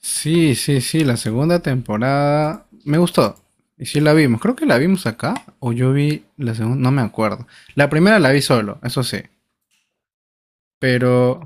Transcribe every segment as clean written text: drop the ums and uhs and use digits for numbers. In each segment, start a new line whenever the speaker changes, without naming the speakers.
Sí, sí, sí, la segunda temporada me gustó. Y sí la vimos. Creo que la vimos acá o yo vi la segunda, no me acuerdo. La primera la vi solo, eso sí. Pero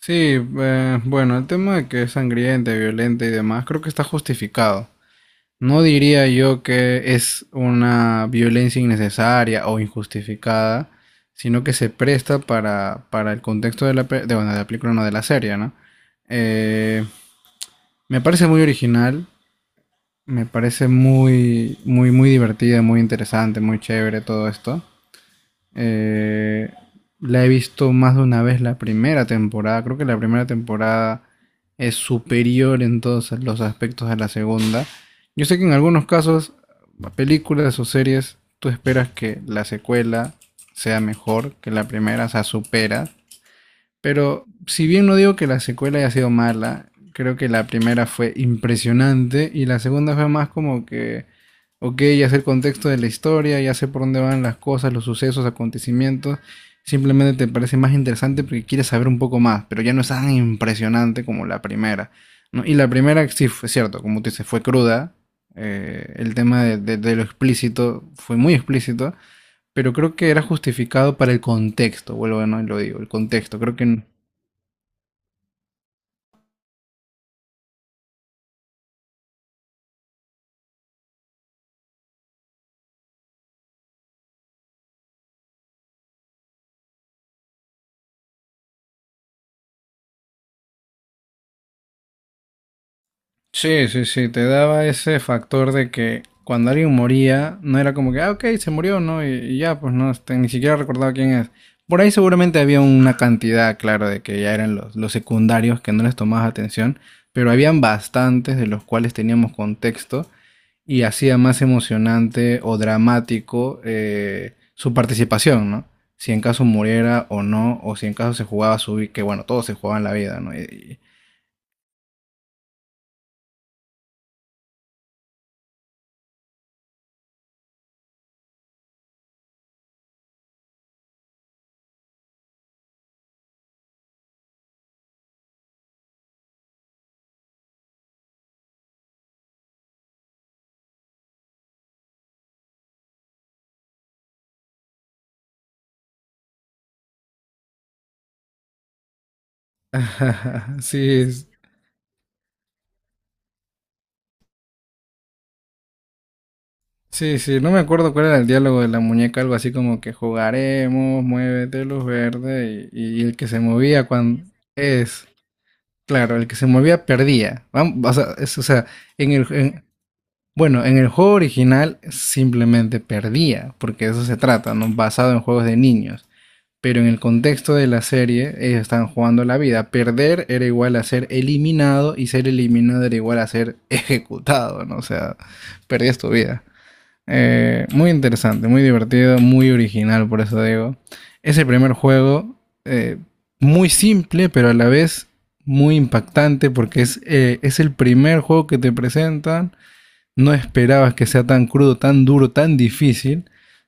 sí, bueno, el tema de que es sangrienta, violenta y demás, creo que está justificado. No diría yo que es una violencia innecesaria o injustificada, sino que se presta para el contexto de la, pe- de, bueno, de la película, no de la serie, ¿no? Eh, me parece muy original. Me parece muy, muy, muy divertida, muy interesante, muy chévere todo esto. Eh, la he visto más de una vez la primera temporada. Creo que la primera temporada es superior en todos los aspectos a la segunda. Yo sé que en algunos casos, películas o series, tú esperas que la secuela sea mejor que la primera, o sea, supera. Pero si bien no digo que la secuela haya sido mala, creo que la primera fue impresionante y la segunda fue más como que, ok, ya sé el contexto de la historia, ya sé por dónde van las cosas, los sucesos, acontecimientos, simplemente te parece más interesante porque quieres saber un poco más, pero ya no es tan impresionante como la primera, ¿no? Y la primera, sí, fue cierto, como tú dices, fue cruda, el tema de, de lo explícito fue muy explícito, pero creo que era justificado para el contexto, vuelvo a no lo digo, el contexto, creo que... Sí, sí, sí, te daba ese factor de que cuando alguien moría, no era como que, ah, ok, se murió, ¿no? Y ya, pues no, este, ni siquiera recordaba quién es. Por ahí seguramente había una cantidad, claro, de que ya eran los secundarios que no les tomabas atención, pero habían bastantes de los cuales teníamos contexto y hacía más emocionante o dramático su participación, ¿no? Si en caso muriera o no, o si en caso se jugaba su vida, que bueno, todos se jugaban la vida, ¿no? Y- sí. Sí, sí, no me acuerdo cuál era el diálogo de la muñeca, algo así como que jugaremos, muévete luz verde y el que se movía cuando es, claro, el que se movía perdía. Vam- o sea, es- o sea, en el, en- bueno, en el juego original simplemente perdía, porque de eso se trata, ¿no? Basado en juegos de niños. Pero en el contexto de la serie, ellos están jugando la vida. Perder era igual a ser eliminado y ser eliminado era igual a ser ejecutado, ¿no? O sea, perdías tu vida. Muy interesante, muy divertido, muy original, por eso digo. Es el primer juego eh, muy simple, pero a la vez muy impactante porque es el primer juego que te presentan. No esperabas que sea tan crudo, tan duro, tan difícil,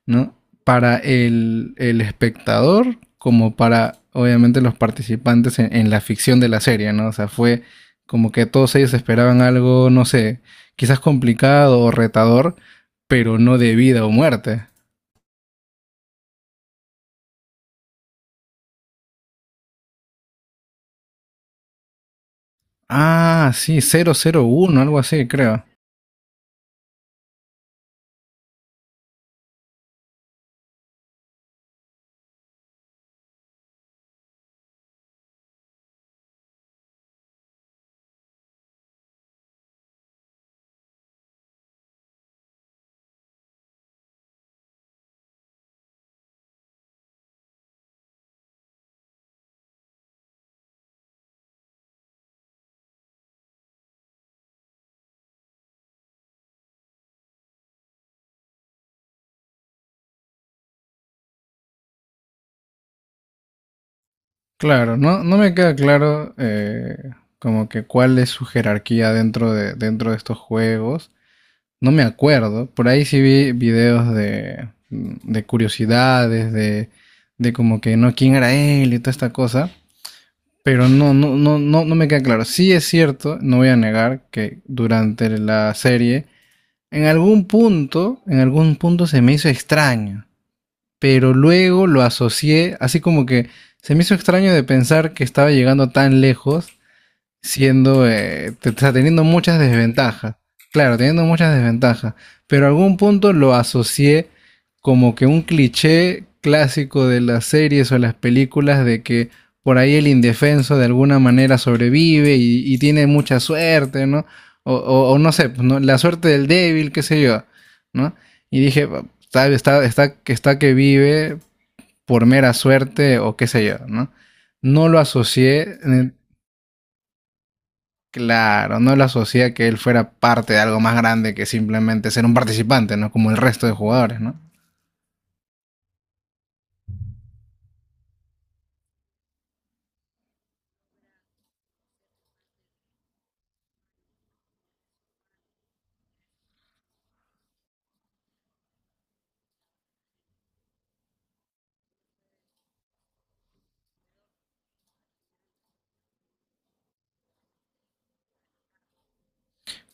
¿no? Para el espectador como para, obviamente, los participantes en, la ficción de la serie, ¿no? O sea, fue como que todos ellos esperaban algo, no sé, quizás complicado o retador, pero no de vida o muerte. Ah, sí, cero cero uno, algo así, creo. Claro, no, no me queda claro como que cuál es su jerarquía dentro de estos juegos. No me acuerdo. Por ahí sí vi videos de curiosidades, de como que no, quién era él y toda esta cosa. Pero no, no, no, no, no me queda claro. Sí es cierto, no voy a negar que durante la serie, en algún punto se me hizo extraño. Pero luego lo asocié, así como que se me hizo extraño de pensar que estaba llegando tan lejos siendo, o sea, teniendo muchas desventajas. Claro, teniendo muchas desventajas. Pero a algún punto lo asocié como que un cliché clásico de las series o las películas de que por ahí el indefenso de alguna manera sobrevive y tiene mucha suerte, ¿no? O, o no sé, pues, ¿no? La suerte del débil, qué sé yo, ¿no? Y dije, "Bueno, está que vive por mera suerte o qué sé yo, ¿no? No lo asocié claro, no lo asocia a que él fuera parte de algo más grande que simplemente ser un participante, ¿no? Como el resto de jugadores, ¿no?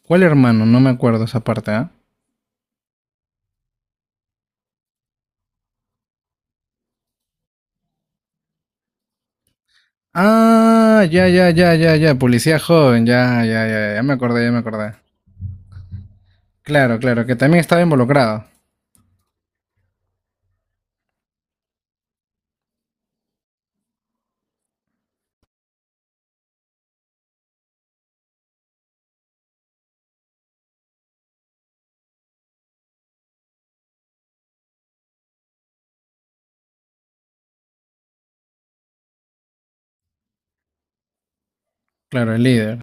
¿Cuál hermano? No me acuerdo esa parte, ¿ah? ¿Eh? Ah, ya, ya, ya, ya, ya, policía joven, ya, ya, ya, ya me acordé, ya me acordé. Claro, claro, que también estaba involucrado. Claro, el líder.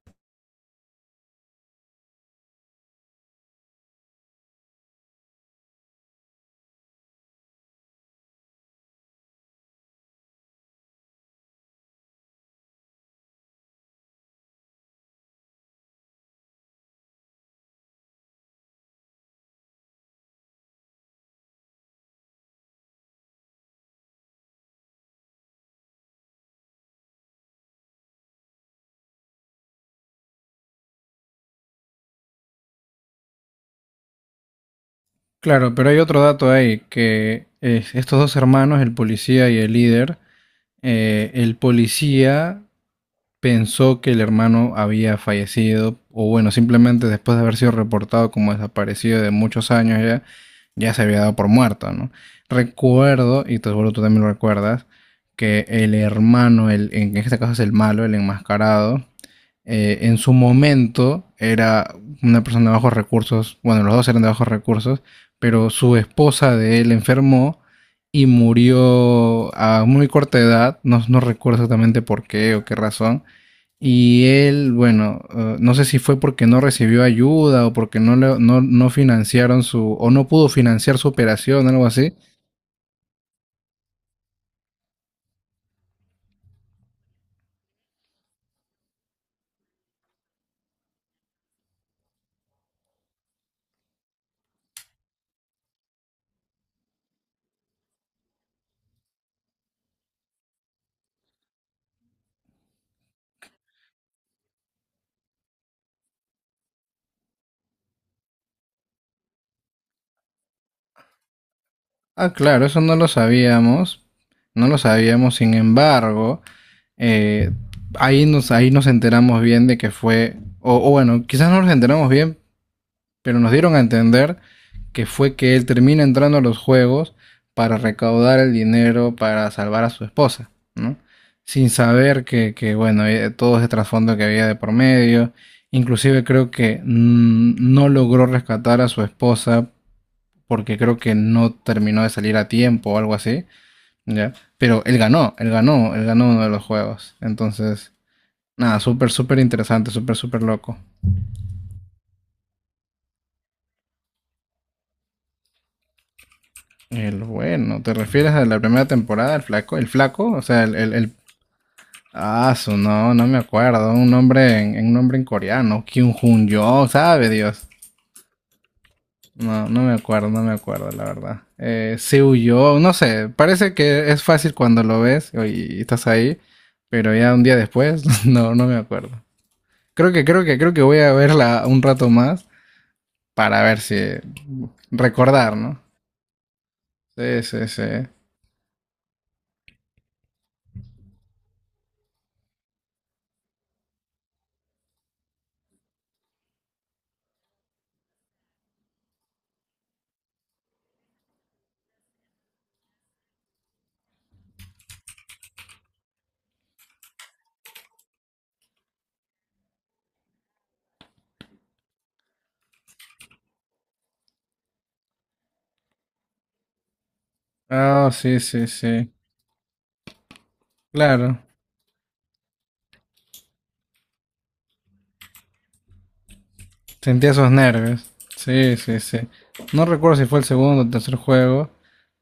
Claro, pero hay otro dato ahí, que es estos dos hermanos, el policía y el líder, el policía pensó que el hermano había fallecido, o bueno, simplemente después de haber sido reportado como desaparecido de muchos años ya, ya se había dado por muerto, ¿no? Recuerdo, y te seguro tú también lo recuerdas, que el hermano, el, en este caso es el malo, el enmascarado, en su momento era una persona de bajos recursos, bueno, los dos eran de bajos recursos, pero su esposa de él enfermó y murió a muy corta edad, no, no recuerdo exactamente por qué o qué razón, y él, bueno, no sé si fue porque no recibió ayuda o porque no, no, no financiaron su, o no pudo financiar su operación, algo así. Ah, claro, eso no lo sabíamos, no lo sabíamos, sin embargo, eh, ahí nos enteramos bien de que fue, o bueno, quizás no nos enteramos bien, pero nos dieron a entender que fue que él termina entrando a los juegos para recaudar el dinero para salvar a su esposa, ¿no? Sin saber que bueno, todo ese trasfondo que había de por medio. Inclusive creo que no logró rescatar a su esposa porque creo que no terminó de salir a tiempo o algo así, ¿ya? Pero él ganó, él ganó, él ganó uno de los juegos. Entonces, nada, súper, súper interesante, súper, súper loco. El bueno, ¿te refieres a la primera temporada, el flaco? ¿El flaco? O sea, el... el... Ah, su no, no me acuerdo. Un nombre en coreano. Kyung Jun Yo, sabe Dios. No, no me acuerdo, no me acuerdo, la verdad. Seo Yo, no sé. Parece que es fácil cuando lo ves y estás ahí. Pero ya un día después, no, no me acuerdo. Creo que voy a verla un rato más para ver si recordar, ¿no? Sí, sí, sí. Ah, oh, sí, sí, sí. Claro. Sentía esos nervios. Sí, sí, sí. No recuerdo si fue el segundo o tercer juego.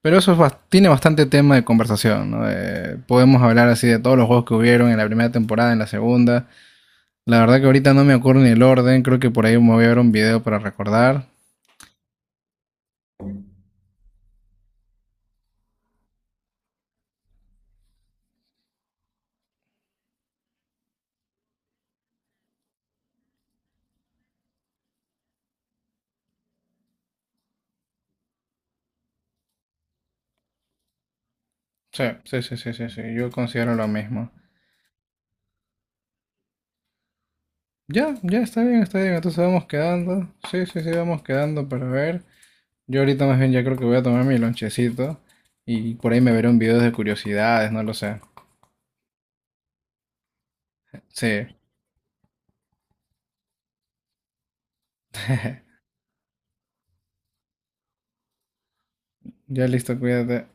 Pero eso es bas- tiene bastante tema de conversación, ¿no? De- podemos hablar así de todos los juegos que hubieron en la primera temporada, en la segunda. La verdad que ahorita no me acuerdo ni el orden, creo que por ahí me voy a ver un video para recordar. Sí, sí, sí, sí, sí, sí, yo considero lo mismo. Ya, ya, está bien, entonces vamos quedando. Sí, sí, sí, vamos quedando para ver. Yo ahorita más bien ya creo que voy a tomar mi lonchecito y por ahí me veré un video de curiosidades, no lo sé. Sí, ya listo, cuídate.